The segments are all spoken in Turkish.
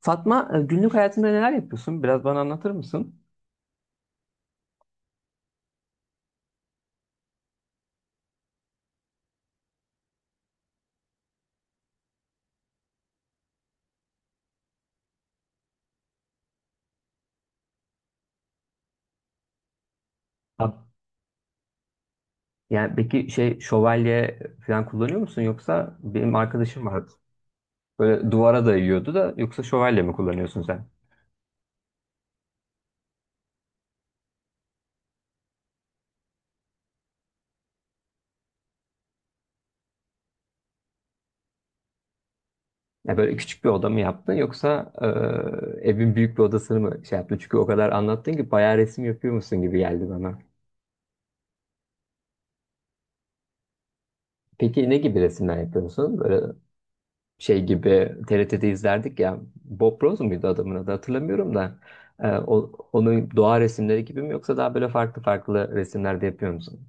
Fatma, günlük hayatında neler yapıyorsun? Biraz bana anlatır mısın? Ha- Yani peki şey şövalye falan kullanıyor musun, yoksa benim arkadaşım vardı. Böyle duvara dayıyordu da. Yoksa şövalye mi kullanıyorsun sen? Ya, böyle küçük bir oda mı yaptın, yoksa evin büyük bir odasını mı şey yaptın? Çünkü o kadar anlattın ki bayağı resim yapıyor musun gibi geldi bana. Peki, ne gibi resimler yapıyorsun? Böyle şey gibi TRT'de izlerdik ya. Bob Ross muydu adamın adı, hatırlamıyorum da. Onun doğa resimleri gibi mi, yoksa daha böyle farklı farklı resimlerde yapıyor musun?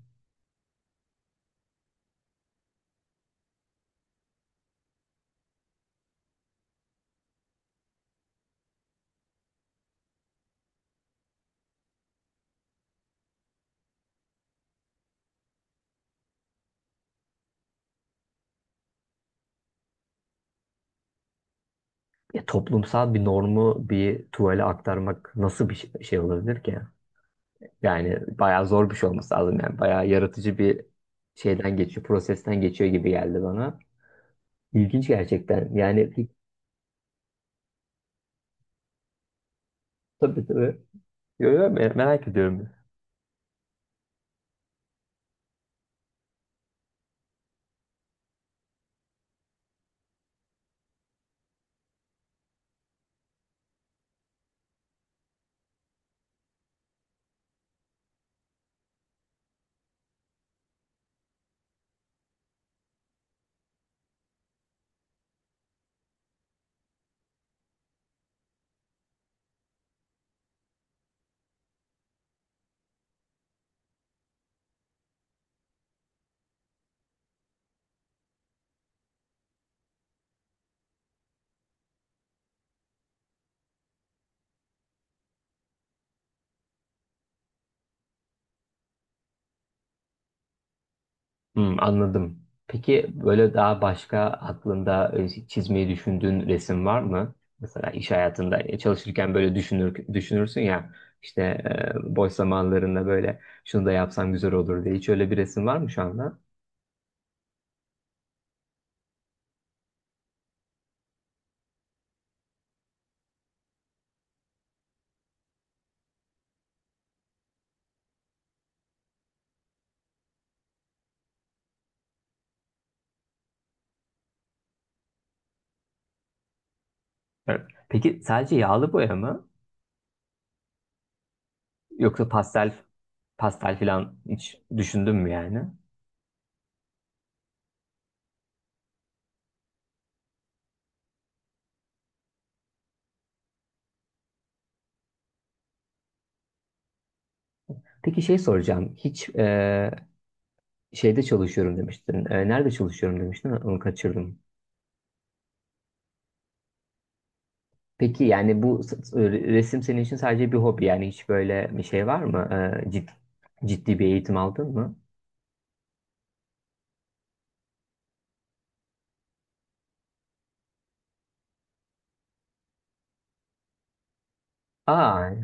Ya, toplumsal bir normu bir tuvale aktarmak nasıl bir şey olabilir ki? Yani bayağı zor bir şey olması lazım yani. Bayağı yaratıcı bir şeyden geçiyor, prosesten geçiyor gibi geldi bana. İlginç gerçekten. Yani, tabii, tabii. Yo, yo, merak ediyorum. Hmm, anladım. Peki, böyle daha başka aklında çizmeyi düşündüğün resim var mı? Mesela iş hayatında çalışırken böyle düşünürsün ya, işte boş zamanlarında böyle şunu da yapsam güzel olur diye. Hiç öyle bir resim var mı şu anda? Evet. Peki, sadece yağlı boya mı? Yoksa pastel falan hiç düşündün mü yani? Peki, şey soracağım. Hiç şeyde çalışıyorum demiştin. Nerede çalışıyorum demiştin? Onu kaçırdım. Peki yani, bu resim senin için sadece bir hobi, yani hiç böyle bir şey var mı? Ee, Ciddi, ciddi bir eğitim aldın mı? Aa,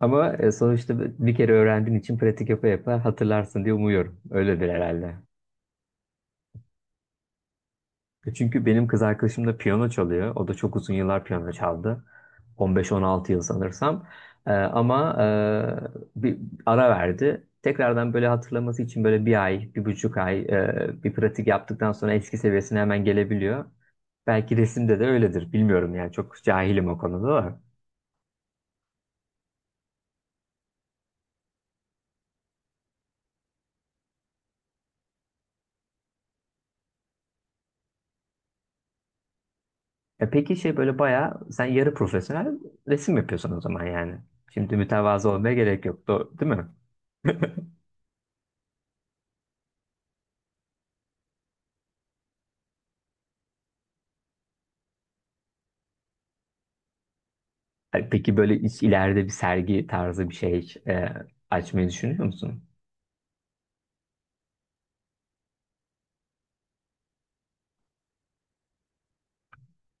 ama sonuçta bir kere öğrendiğin için pratik yapa yapa hatırlarsın diye umuyorum. Öyledir herhalde. Çünkü benim kız arkadaşım da piyano çalıyor. O da çok uzun yıllar piyano çaldı. 15-16 yıl sanırsam. Ama bir ara verdi. Tekrardan böyle hatırlaması için böyle bir ay, 1,5 ay bir pratik yaptıktan sonra eski seviyesine hemen gelebiliyor. Belki resimde de öyledir. Bilmiyorum yani, çok cahilim o konuda da. Peki böyle bayağı sen yarı profesyonel resim yapıyorsun o zaman yani. Şimdi mütevazı olmaya gerek yok, değil mi? Peki, böyle hiç ileride bir sergi tarzı bir şey açmayı düşünüyor musun?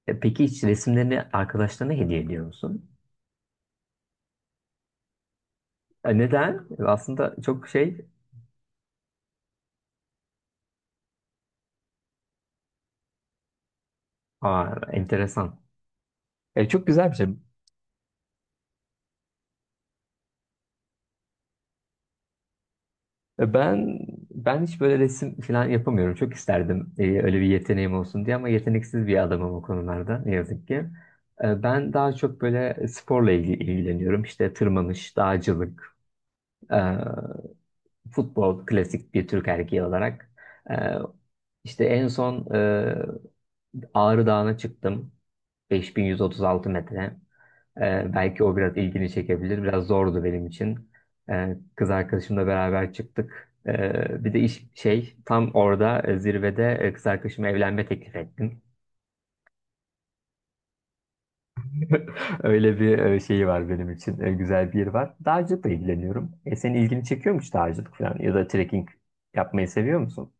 Peki, hiç resimlerini arkadaşlarına hediye ediyor musun? Neden? Aslında çok enteresan. Çok güzel bir şey. E, Ben ben hiç böyle resim falan yapamıyorum. Çok isterdim öyle bir yeteneğim olsun diye, ama yeteneksiz bir adamım o konularda ne yazık ki. Ben daha çok böyle sporla ilgileniyorum. İşte tırmanış, dağcılık, e, futbol, klasik bir Türk erkeği olarak. E, İşte en son Ağrı Dağı'na çıktım. 5136 metre. Belki o biraz ilgini çekebilir. Biraz zordu benim için. Kız arkadaşımla beraber çıktık. Bir de iş şey tam orada, zirvede, kız arkadaşıma evlenme teklif ettim. Öyle bir şeyi var benim için. Güzel bir yeri var. Dağcılıkla ilgileniyorum. Senin ilgini çekiyor mu hiç dağcılık falan, ya da trekking yapmayı seviyor musun?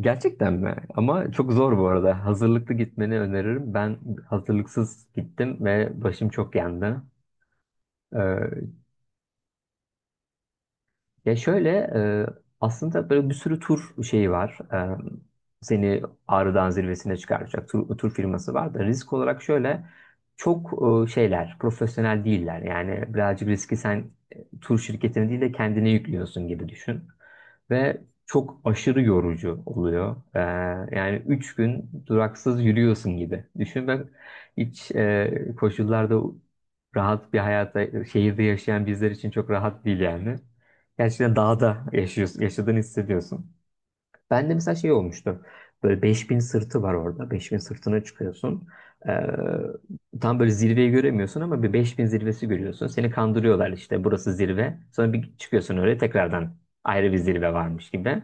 Gerçekten mi? Ama çok zor bu arada. Hazırlıklı gitmeni öneririm. Ben hazırlıksız gittim ve başım çok yandı. Ya şöyle, aslında böyle bir sürü tur şeyi var. Seni Ağrı'dan zirvesine çıkaracak tur firması var da, risk olarak şöyle çok şeyler, profesyonel değiller. Yani birazcık riski sen tur şirketine değil de kendine yüklüyorsun gibi düşün. Ve çok aşırı yorucu oluyor. Yani 3 gün duraksız yürüyorsun gibi. Düşün, ben hiç koşullarda, rahat bir hayata şehirde yaşayan bizler için çok rahat değil yani. Gerçekten dağda yaşıyorsun, yaşadığını hissediyorsun. Ben de mesela şey olmuştu. Böyle 5000 sırtı var orada. 5000 sırtına çıkıyorsun. Ee, tam böyle zirveyi göremiyorsun ama bir 5000 zirvesi görüyorsun. Seni kandırıyorlar, işte burası zirve. Sonra bir çıkıyorsun öyle, tekrardan ayrı bir zirve varmış gibi.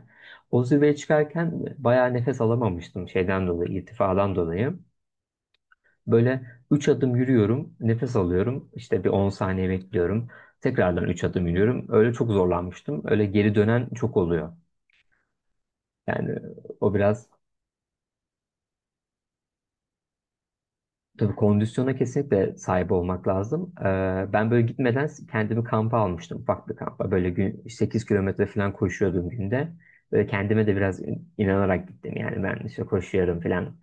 O zirveye çıkarken bayağı nefes alamamıştım şeyden dolayı, irtifadan dolayı. Böyle 3 adım yürüyorum, nefes alıyorum, işte bir 10 saniye bekliyorum. Tekrardan 3 adım yürüyorum. Öyle çok zorlanmıştım. Öyle geri dönen çok oluyor. Yani o biraz. Tabii, kondisyona kesinlikle sahip olmak lazım. Ben böyle gitmeden kendimi kampa almıştım. Ufak bir kampa. Böyle gün 8 kilometre falan koşuyordum günde. Böyle kendime de biraz inanarak gittim. Yani ben işte koşuyorum falan.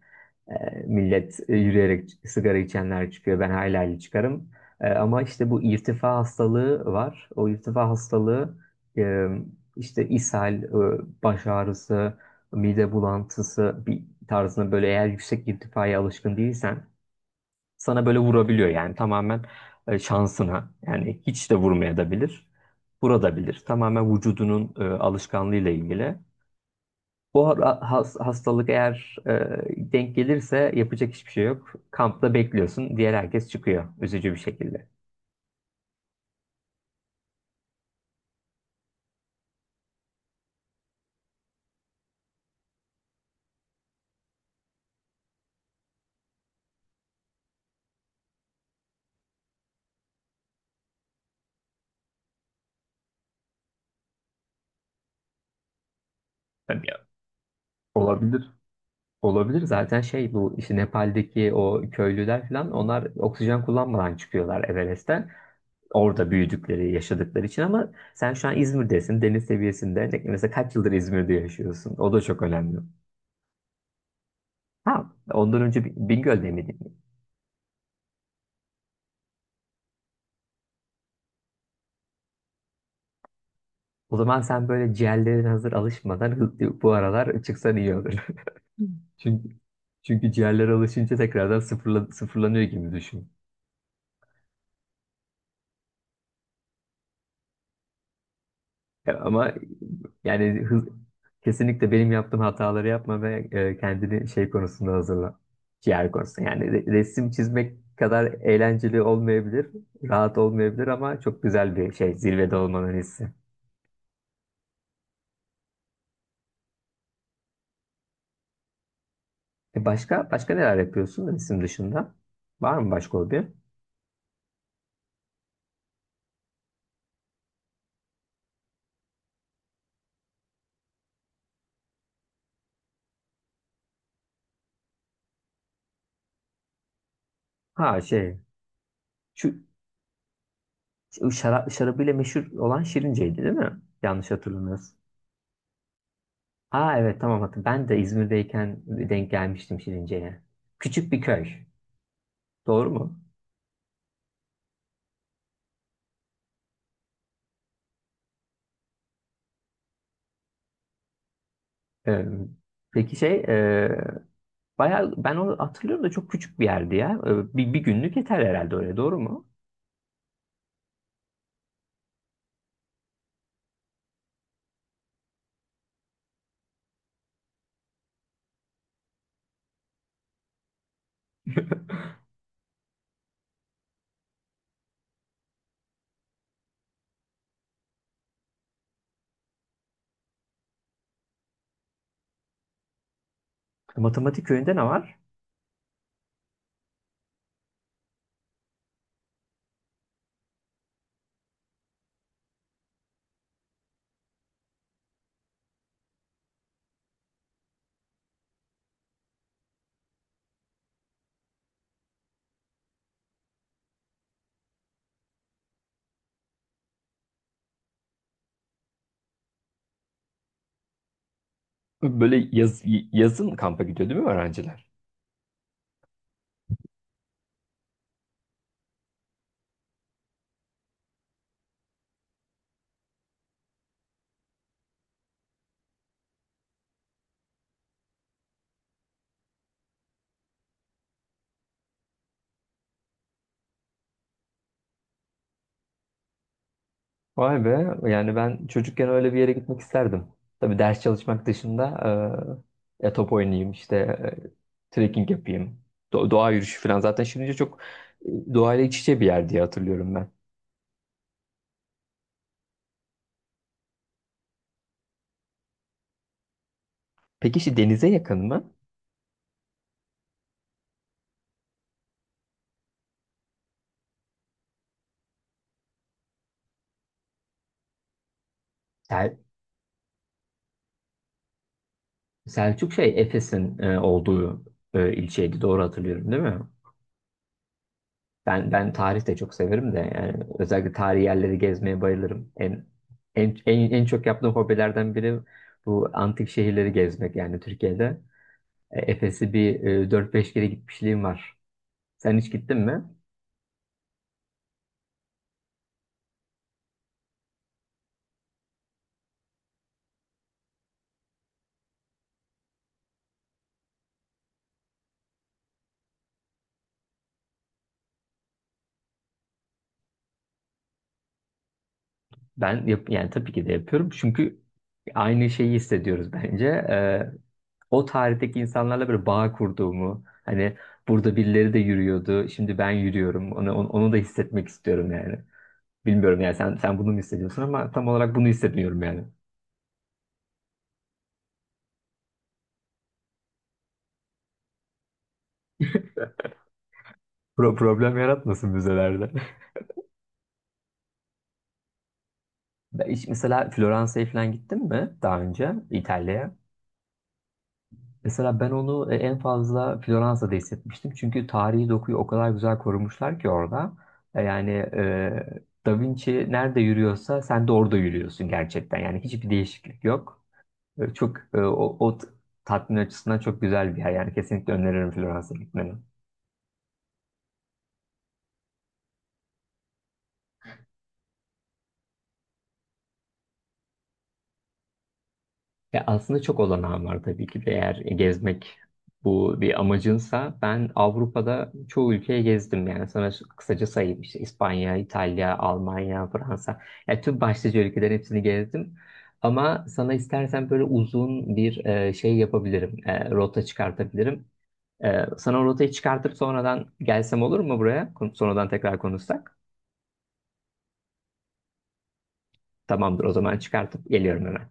Ee, millet yürüyerek, sigara içenler çıkıyor. Ben hayli hayli çıkarım. Ama işte bu irtifa hastalığı var. O irtifa hastalığı, e, işte ishal, baş ağrısı, mide bulantısı bir tarzında, böyle eğer yüksek irtifaya alışkın değilsen sana böyle vurabiliyor. Yani tamamen şansına, yani hiç de vurmaya da bilir, vurabilir. Tamamen vücudunun alışkanlığıyla ilgili. Bu hastalık eğer denk gelirse, yapacak hiçbir şey yok. Kampta bekliyorsun. Diğer herkes çıkıyor. Üzücü bir şekilde. Tabii ya. Olabilir. Olabilir zaten, şey, bu işte Nepal'deki o köylüler falan, onlar oksijen kullanmadan çıkıyorlar Everest'ten. Orada büyüdükleri, yaşadıkları için. Ama sen şu an İzmir'desin, deniz seviyesinde. Mesela kaç yıldır İzmir'de yaşıyorsun? O da çok önemli. Ha, ondan önce Bingöl'de miydin? O zaman sen böyle, ciğerlerin hazır alışmadan bu aralar çıksan iyi olur. Çünkü çünkü ciğerler alışınca tekrardan sıfırlanıyor gibi düşün. Ya, ama yani, kesinlikle benim yaptığım hataları yapma ve kendini şey konusunda hazırla. Ciğer konusunda. Yani resim çizmek kadar eğlenceli olmayabilir, rahat olmayabilir, ama çok güzel bir şey zirvede olmanın hissi. Başka başka neler yapıyorsun resim dışında? Var mı başka hobi? Ha, şu şu şarabıyla meşhur olan Şirince'ydi, değil mi? Yanlış hatırlamıyorsun. Ha, evet, tamam, hatırladım. Ben de İzmir'deyken denk gelmiştim Şirince'ye. Küçük bir köy. Doğru mu? Ee, peki bayağı, ben onu hatırlıyorum da çok küçük bir yerdi ya. Bir günlük yeter herhalde öyle, doğru mu? Matematik köyünde ne var? Böyle yazın kampa gidiyor değil mi öğrenciler? Vay be, yani ben çocukken öyle bir yere gitmek isterdim. Tabii ders çalışmak dışında, ya top oynayayım işte, trekking yapayım. Doğa yürüyüşü falan, zaten şimdi çok doğayla iç içe bir yer diye hatırlıyorum ben. Peki işte denize yakın mı? Selçuk, Efes'in olduğu ilçeydi. Doğru hatırlıyorum, değil mi? Ben tarih de çok severim de, yani özellikle tarihi yerleri gezmeye bayılırım. En çok yaptığım hobilerden biri bu antik şehirleri gezmek, yani Türkiye'de. Efes'i bir 4-5 kere gitmişliğim var. Sen hiç gittin mi? Ben yani tabii ki de yapıyorum. Çünkü aynı şeyi hissediyoruz bence. O tarihteki insanlarla böyle bağ kurduğumu, hani burada birileri de yürüyordu, şimdi ben yürüyorum, onu da hissetmek istiyorum yani. Bilmiyorum yani, sen bunu mu hissediyorsun, ama tam olarak bunu hissetmiyorum yani. Problem yaratmasın müzelerde. Ben mesela Floransa'ya falan gittim mi daha önce, İtalya'ya? Mesela ben onu en fazla Floransa'da hissetmiştim. Çünkü tarihi dokuyu o kadar güzel korumuşlar ki orada. Yani Da Vinci nerede yürüyorsa sen de orada yürüyorsun gerçekten. Yani hiçbir değişiklik yok. E, Çok e, o, o t- Tatmin açısından çok güzel bir yer. Yani kesinlikle öneririm Florans'a gitmeni. Ya aslında çok olanağım var tabii ki de, eğer gezmek bu bir amacınsa. Ben Avrupa'da çoğu ülkeye gezdim. Yani sana kısaca sayayım: işte İspanya, İtalya, Almanya, Fransa, yani tüm başlıca ülkelerin hepsini gezdim. Ama sana istersen böyle uzun bir şey yapabilirim. Rota çıkartabilirim. Sana o rotayı çıkartıp sonradan gelsem olur mu buraya, sonradan tekrar konuşsak? Tamamdır o zaman, çıkartıp geliyorum hemen.